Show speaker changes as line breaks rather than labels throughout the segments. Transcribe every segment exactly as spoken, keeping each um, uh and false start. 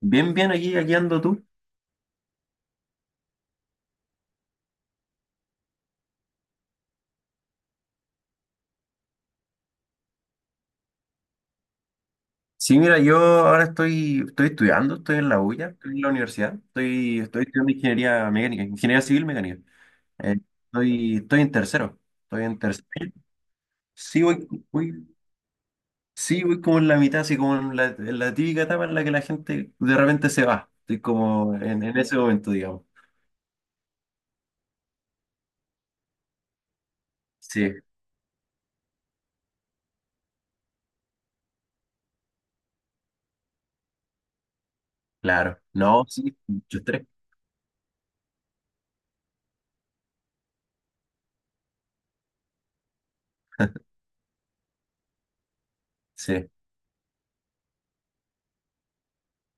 Bien, bien, aquí, aquí ando tú. Sí, mira, yo ahora estoy, estoy estudiando, estoy en la U I A, estoy en la universidad, estoy, estoy estudiando ingeniería mecánica, ingeniería civil mecánica. Eh, estoy, estoy en tercero, estoy en tercero. Sí, voy, voy- sí, voy como en la mitad, así como en la, en la típica etapa en la que la gente de repente se va. Estoy como en, en ese momento, digamos. Sí, claro. No, sí, mucho estrés. Sí.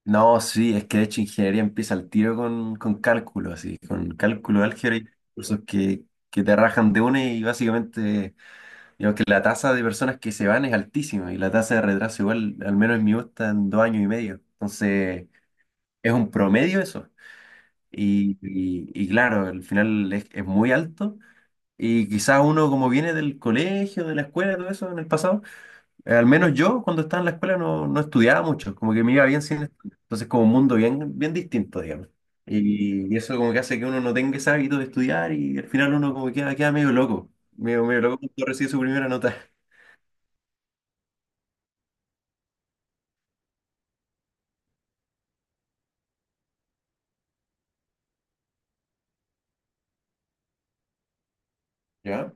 No, sí, es que de hecho ingeniería empieza al tiro con, con cálculo, así, con cálculo, álgebra y cursos que, que te rajan de una y básicamente, digamos que la tasa de personas que se van es altísima y la tasa de retraso igual, al menos en mi U está en dos años y medio. Entonces, es un promedio eso. Y, y- y claro, al final es, es muy alto y quizás uno como viene del colegio, de la escuela, todo eso en el pasado. Eh, Al menos yo cuando estaba en la escuela no, no estudiaba mucho, como que me iba bien sin estudiar. Entonces como un mundo bien, bien distinto, digamos. Y, y eso como que hace que uno no tenga ese hábito de estudiar y al final uno como que queda, queda medio loco, medio, medio loco cuando recibe su primera nota. ¿Ya?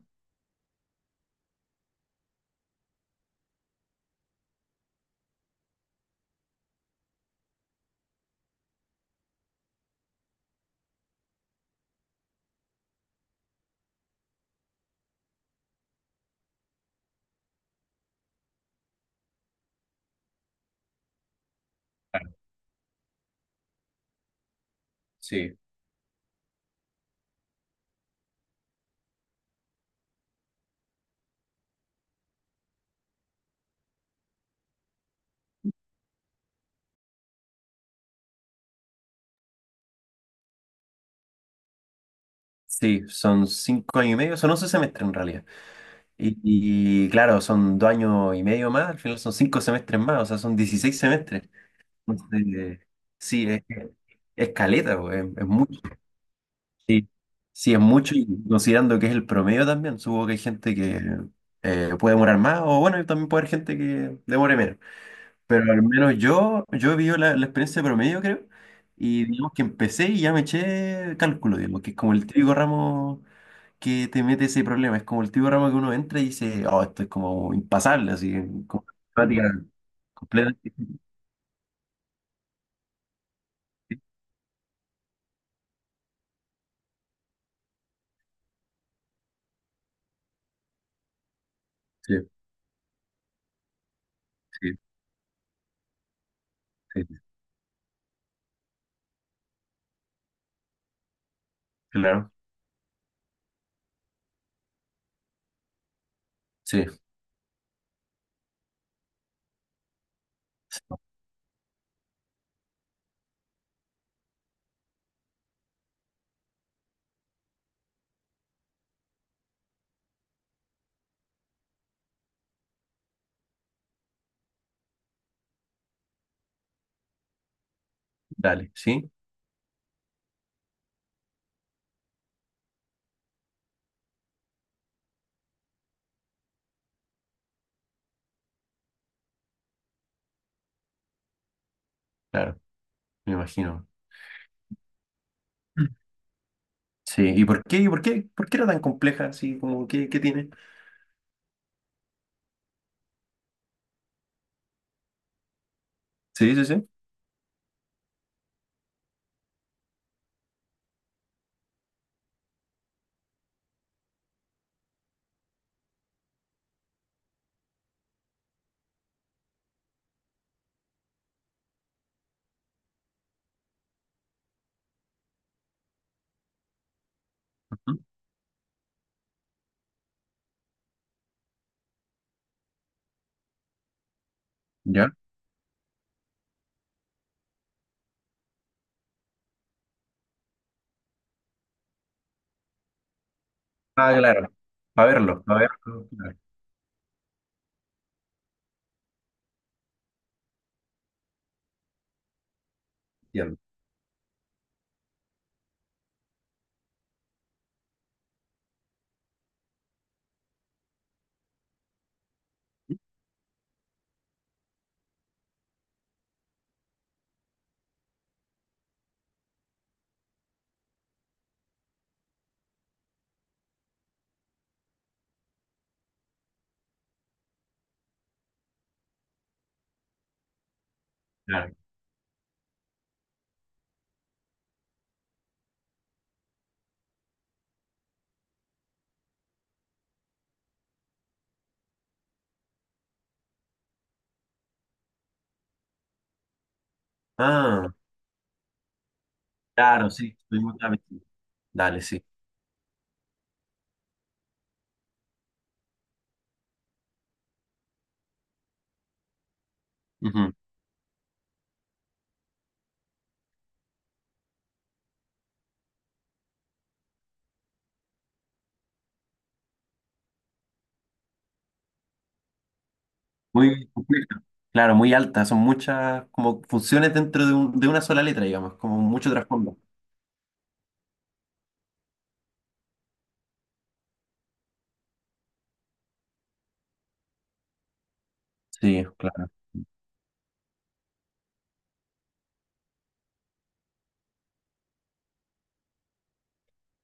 Sí. Sí, son cinco años y medio, son once semestres en realidad. Y, y claro, son dos años y medio más, al final son cinco semestres más, o sea, son dieciséis semestres. Entonces, sí, es, es caleta, pues, es, mucho. Sí, sí, es mucho y considerando que es el promedio también, supongo que hay gente que eh, puede demorar más o bueno, y también puede haber gente que demore menos. Pero al menos yo, yo he vivido la, la experiencia de promedio, creo, y digamos que empecé y ya me eché cálculo, digamos, que es como el típico ramo que te mete ese problema, es como el típico ramo que uno entra y dice, oh, esto es como impasable, así, como temática completamente. Sí, sí, sí, sí, claro, sí, sí, dale, sí, claro, me imagino. Sí, ¿y por qué? ¿Y por qué? ¿Por qué era tan compleja? Así como, ¿qué, ¿qué tiene? Sí, sí, sí. Ujú. Ya. Ah, claro. Para verlo, para verlo. Claro, entiendo. Claro. Ah, claro, sí. Estoy muy claro. Dale, sí. Ujú. Muy compleja. Claro, muy alta. Son muchas como funciones dentro de, un- de una sola letra, digamos, como mucho trasfondo. Sí, claro.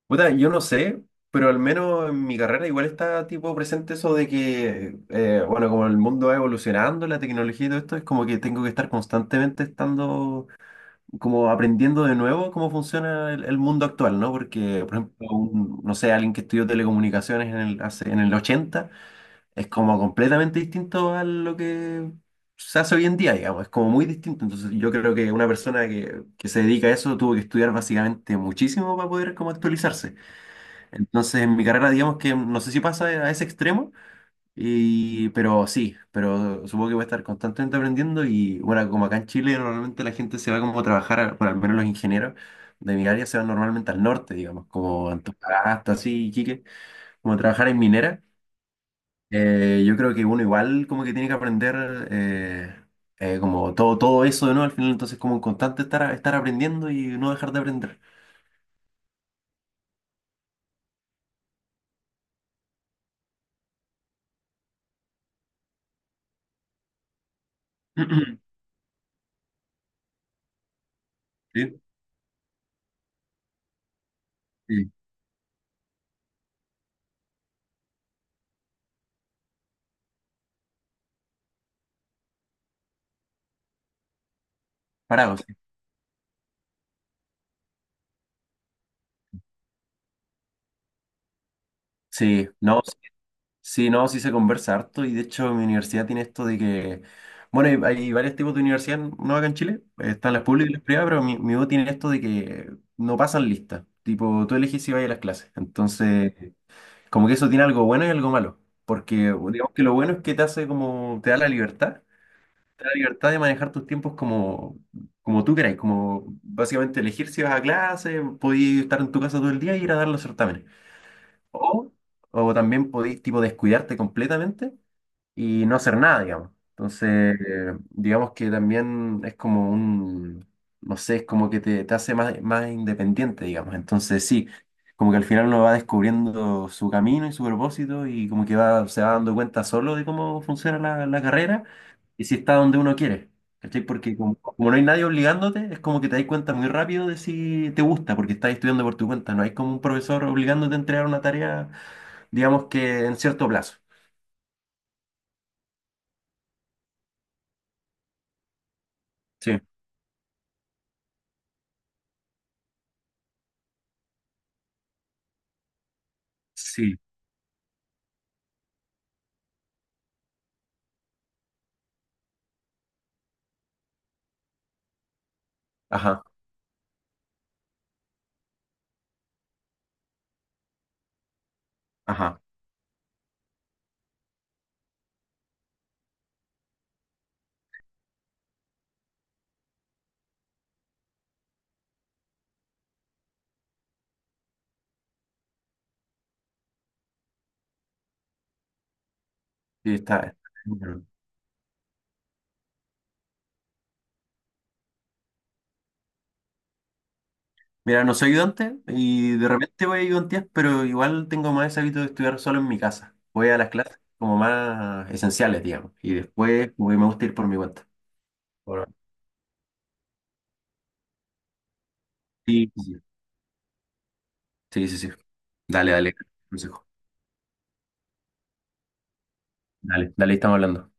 Puta, yo no sé, pero al menos en mi carrera igual está tipo presente eso de que, eh, bueno, como el mundo va evolucionando, la tecnología y todo esto, es como que tengo que estar constantemente estando, como aprendiendo de nuevo cómo funciona el, el mundo actual, ¿no? Porque, por ejemplo, un- no sé, alguien que estudió telecomunicaciones en el, hace- en el ochenta es como completamente distinto a lo que se hace hoy en día, digamos, es como muy distinto. Entonces yo creo que una persona que, que se dedica a eso tuvo que estudiar básicamente muchísimo para poder como actualizarse. Entonces, en mi carrera, digamos que no sé si pasa a ese extremo, y, pero sí, pero supongo que voy a estar constantemente aprendiendo y bueno, como acá en Chile normalmente la gente se va como a trabajar, a- bueno, al menos los ingenieros de mi área se van normalmente al norte, digamos, como Antofagasta, así, Iquique, como a trabajar en minera. Eh, yo creo que uno igual como que tiene que aprender eh, eh, como todo, todo eso de nuevo al final, entonces como en constante estar, estar aprendiendo y no dejar de aprender. Sí, sí. Parados. Sí, no, sí, no, sí se conversa harto y de hecho mi universidad tiene esto de que, bueno, hay, hay varios tipos de universidad, no acá en Chile, están las públicas y las privadas, pero mi, mi U tiene esto de que no pasan lista, tipo, tú eliges si vas a las clases, entonces, como que eso tiene algo bueno y algo malo, porque digamos que lo bueno es que te hace como, te da la libertad, te da la libertad de manejar tus tiempos como, como tú queráis, como básicamente elegir si vas a clase, podías estar en tu casa todo el día y ir a dar los certámenes. O, o también podéis tipo descuidarte completamente y no hacer nada, digamos. Entonces, eh, digamos que también es como un, no sé, es como que te, te hace más, más independiente, digamos. Entonces, sí, como que al final uno va descubriendo su camino y su propósito y como que va, se va dando cuenta solo de cómo funciona la, la carrera y si está donde uno quiere. ¿Cachai? Porque como, como no hay nadie obligándote, es como que te das cuenta muy rápido de si te gusta, porque estás estudiando por tu cuenta, no hay como un profesor obligándote a entregar una tarea, digamos que en cierto plazo. Sí, sí, ajá. Ajá, sí, está. Bueno, mira, no soy ayudante y de repente voy a ayudantías, pero igual tengo más ese hábito de estudiar solo en mi casa. Voy a las clases como más esenciales, digamos, y después güey, me gusta ir por mi cuenta. Bueno, sí, sí, sí, sí. Sí. Dale, dale, consejo. Dale, dale, estamos hablando.